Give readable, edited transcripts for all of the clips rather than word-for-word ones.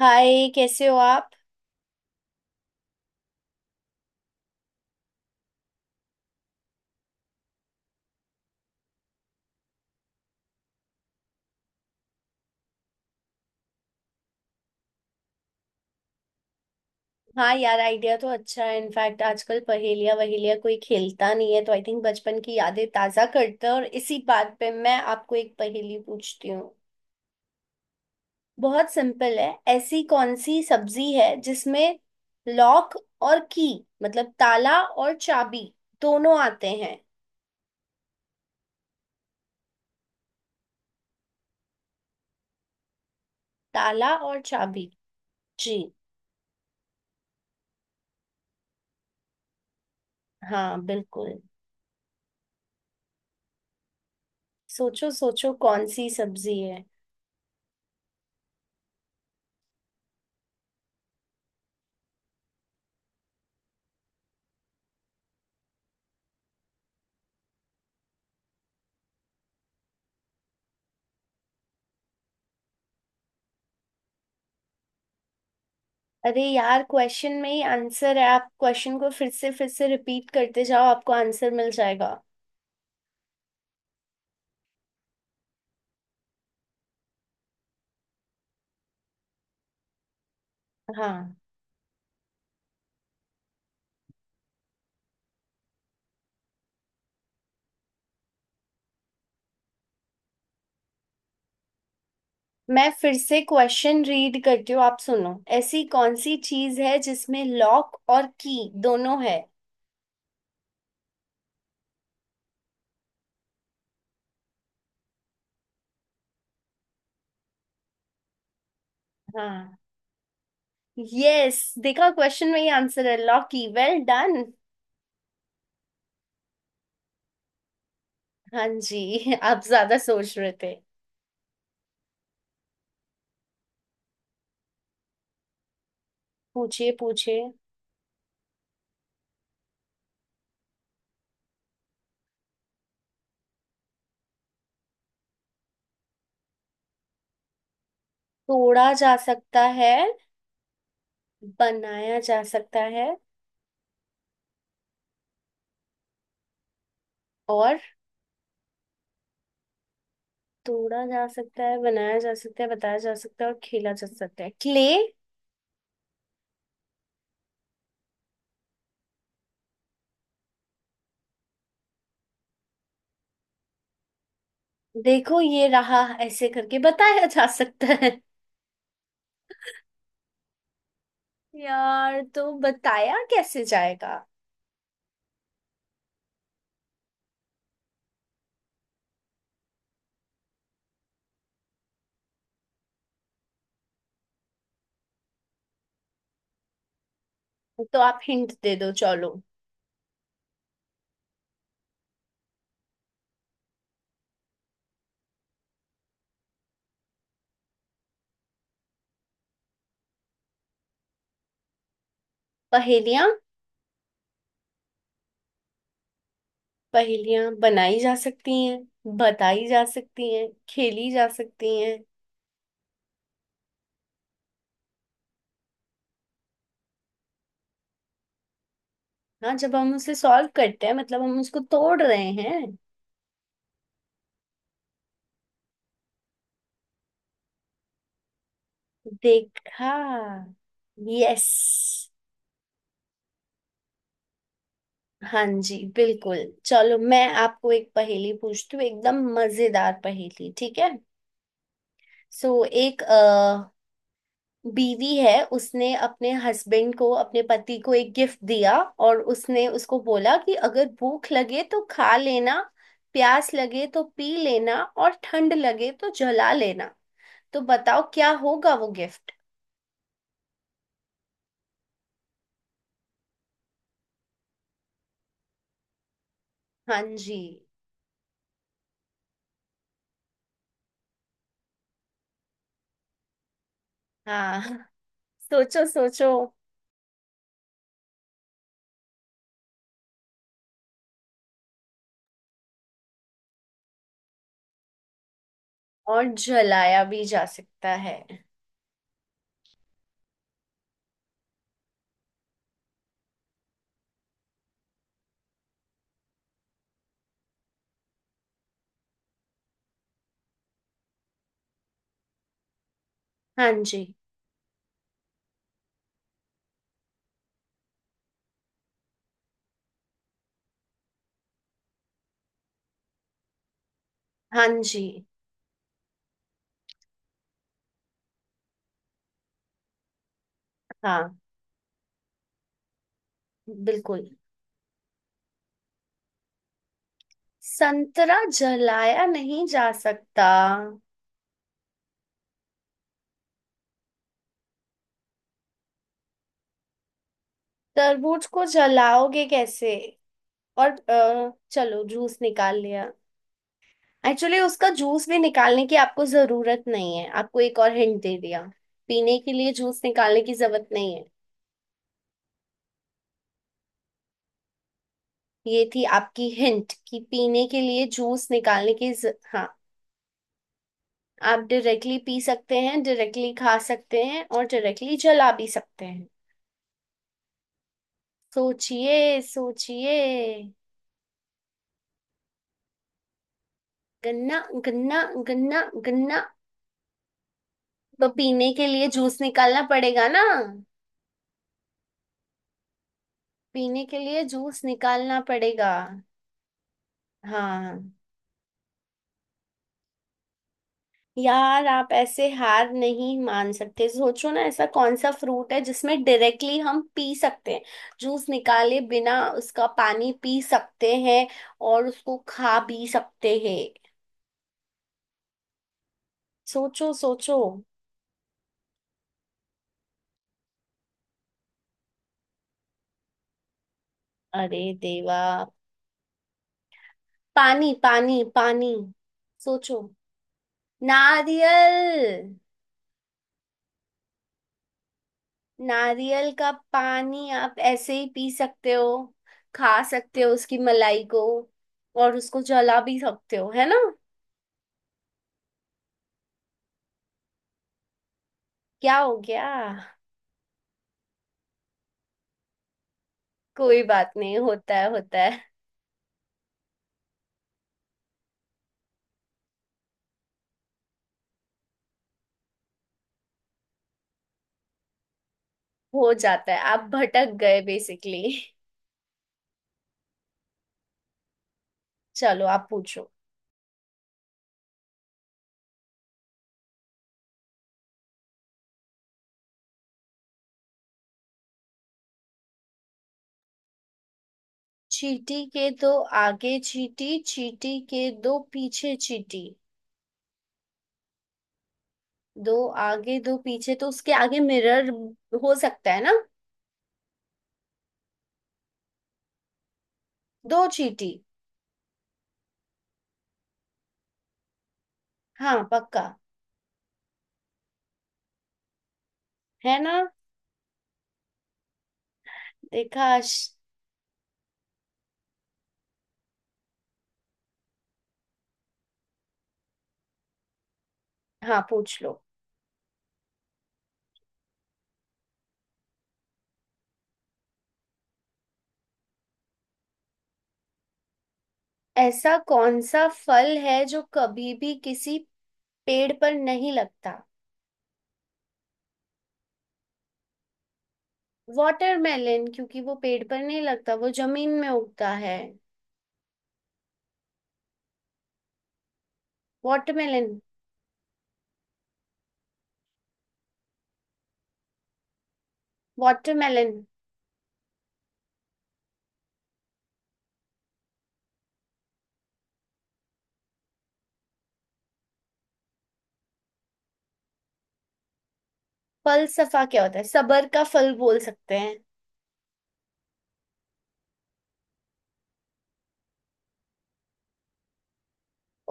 हाय, कैसे हो आप। हाँ यार, आइडिया तो अच्छा है। इनफैक्ट आजकल पहेलिया वहेलिया कोई खेलता नहीं है, तो आई थिंक बचपन की यादें ताजा करते हैं। और इसी बात पे मैं आपको एक पहेली पूछती हूँ। बहुत सिंपल है। ऐसी कौन सी सब्जी है जिसमें लॉक और की, मतलब ताला और चाबी, दोनों आते हैं। ताला और चाबी। जी। हाँ, बिल्कुल। सोचो सोचो कौन सी सब्जी है। अरे यार, क्वेश्चन में ही आंसर है। आप क्वेश्चन को फिर से रिपीट करते जाओ, आपको आंसर मिल जाएगा। हाँ। मैं फिर से क्वेश्चन रीड करती हूँ, आप सुनो। ऐसी कौन सी चीज है जिसमें लॉक और की दोनों है। हाँ। यस, देखा, क्वेश्चन में ही आंसर है, लॉक की। Well done. हाँ जी, आप ज्यादा सोच रहे थे। पूछिए पूछिए। तोड़ा जा सकता है, बनाया जा सकता है, और तोड़ा जा सकता है, बनाया जा सकता है, बताया जा सकता है, और खेला जा सकता है। क्ले। देखो, ये रहा, ऐसे करके बताया जा सकता है। यार, तो बताया कैसे जाएगा। तो आप हिंट दे दो, चलो। पहेलियां। पहेलियां बनाई जा सकती हैं, बताई जा सकती हैं, खेली जा सकती हैं। हाँ, जब हम उसे सॉल्व करते हैं, मतलब हम उसको तोड़ रहे हैं। देखा। यस। हाँ जी, बिल्कुल। चलो, मैं आपको एक पहेली पूछती हूँ, एकदम मजेदार पहेली, ठीक है। सो, एक बीवी है, उसने अपने हस्बैंड को, अपने पति को, एक गिफ्ट दिया। और उसने उसको बोला कि अगर भूख लगे तो खा लेना, प्यास लगे तो पी लेना, और ठंड लगे तो जला लेना। तो बताओ क्या होगा वो गिफ्ट। हाँ जी। हाँ, सोचो सोचो। और जलाया भी जा सकता है। हाँ जी। हाँ जी। हाँ, बिल्कुल। संतरा जलाया नहीं जा सकता। तरबूज को जलाओगे कैसे। और चलो, जूस निकाल लिया। एक्चुअली उसका जूस भी निकालने की आपको जरूरत नहीं है, आपको एक और हिंट दे दिया। पीने के लिए जूस निकालने की जरूरत नहीं है। ये थी आपकी हिंट कि पीने के लिए जूस निकालने की हाँ। आप डायरेक्टली पी सकते हैं, डायरेक्टली खा सकते हैं, और डायरेक्टली जला भी सकते हैं। सोचिए सोचिए। गन्ना, गन्ना, गन्ना, गन्ना। तो पीने के लिए जूस निकालना पड़ेगा ना। पीने के लिए जूस निकालना पड़ेगा। हाँ। यार आप ऐसे हार नहीं मान सकते, सोचो ना ऐसा कौन सा फ्रूट है जिसमें डायरेक्टली हम पी सकते हैं। जूस निकाले बिना उसका पानी पी सकते हैं, और उसको खा भी सकते हैं। सोचो सोचो। अरे देवा। पानी, पानी, पानी। सोचो। नारियल। नारियल का पानी आप ऐसे ही पी सकते हो। खा सकते हो उसकी मलाई को, और उसको जला भी सकते हो, है ना। क्या हो गया। कोई बात नहीं, होता है होता है। हो जाता है, आप भटक गए बेसिकली। चलो आप पूछो। चींटी के दो आगे चींटी, चींटी के दो पीछे चींटी। दो आगे दो पीछे, तो उसके आगे मिरर हो सकता है ना। दो चींटी। हाँ पक्का। है ना। देखा। हाँ पूछ लो। ऐसा कौन सा फल है जो कभी भी किसी पेड़ पर नहीं लगता। वाटरमेलन, क्योंकि वो पेड़ पर नहीं लगता, वो जमीन में उगता है। वाटरमेलन। वाटरमेलन फलसफा क्या होता है, सबर का फल बोल सकते हैं।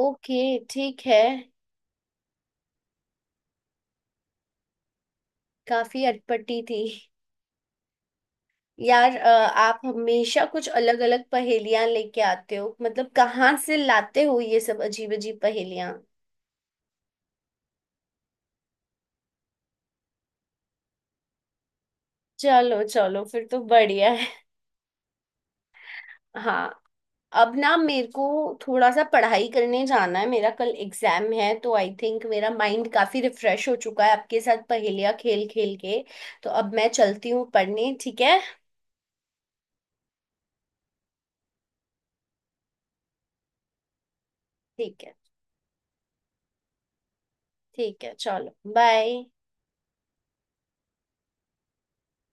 ओके। ठीक है। काफी अटपटी थी। यार आप हमेशा कुछ अलग अलग पहेलियां लेके आते हो, मतलब कहाँ से लाते हो ये सब अजीब अजीब पहेलियां। चलो चलो, फिर तो बढ़िया है। हाँ। अब ना मेरे को थोड़ा सा पढ़ाई करने जाना है, मेरा कल एग्जाम है, तो आई थिंक मेरा माइंड काफी रिफ्रेश हो चुका है आपके साथ पहेलियां खेल खेल के। तो अब मैं चलती हूँ पढ़ने, ठीक है। ठीक है ठीक है। चलो बाय।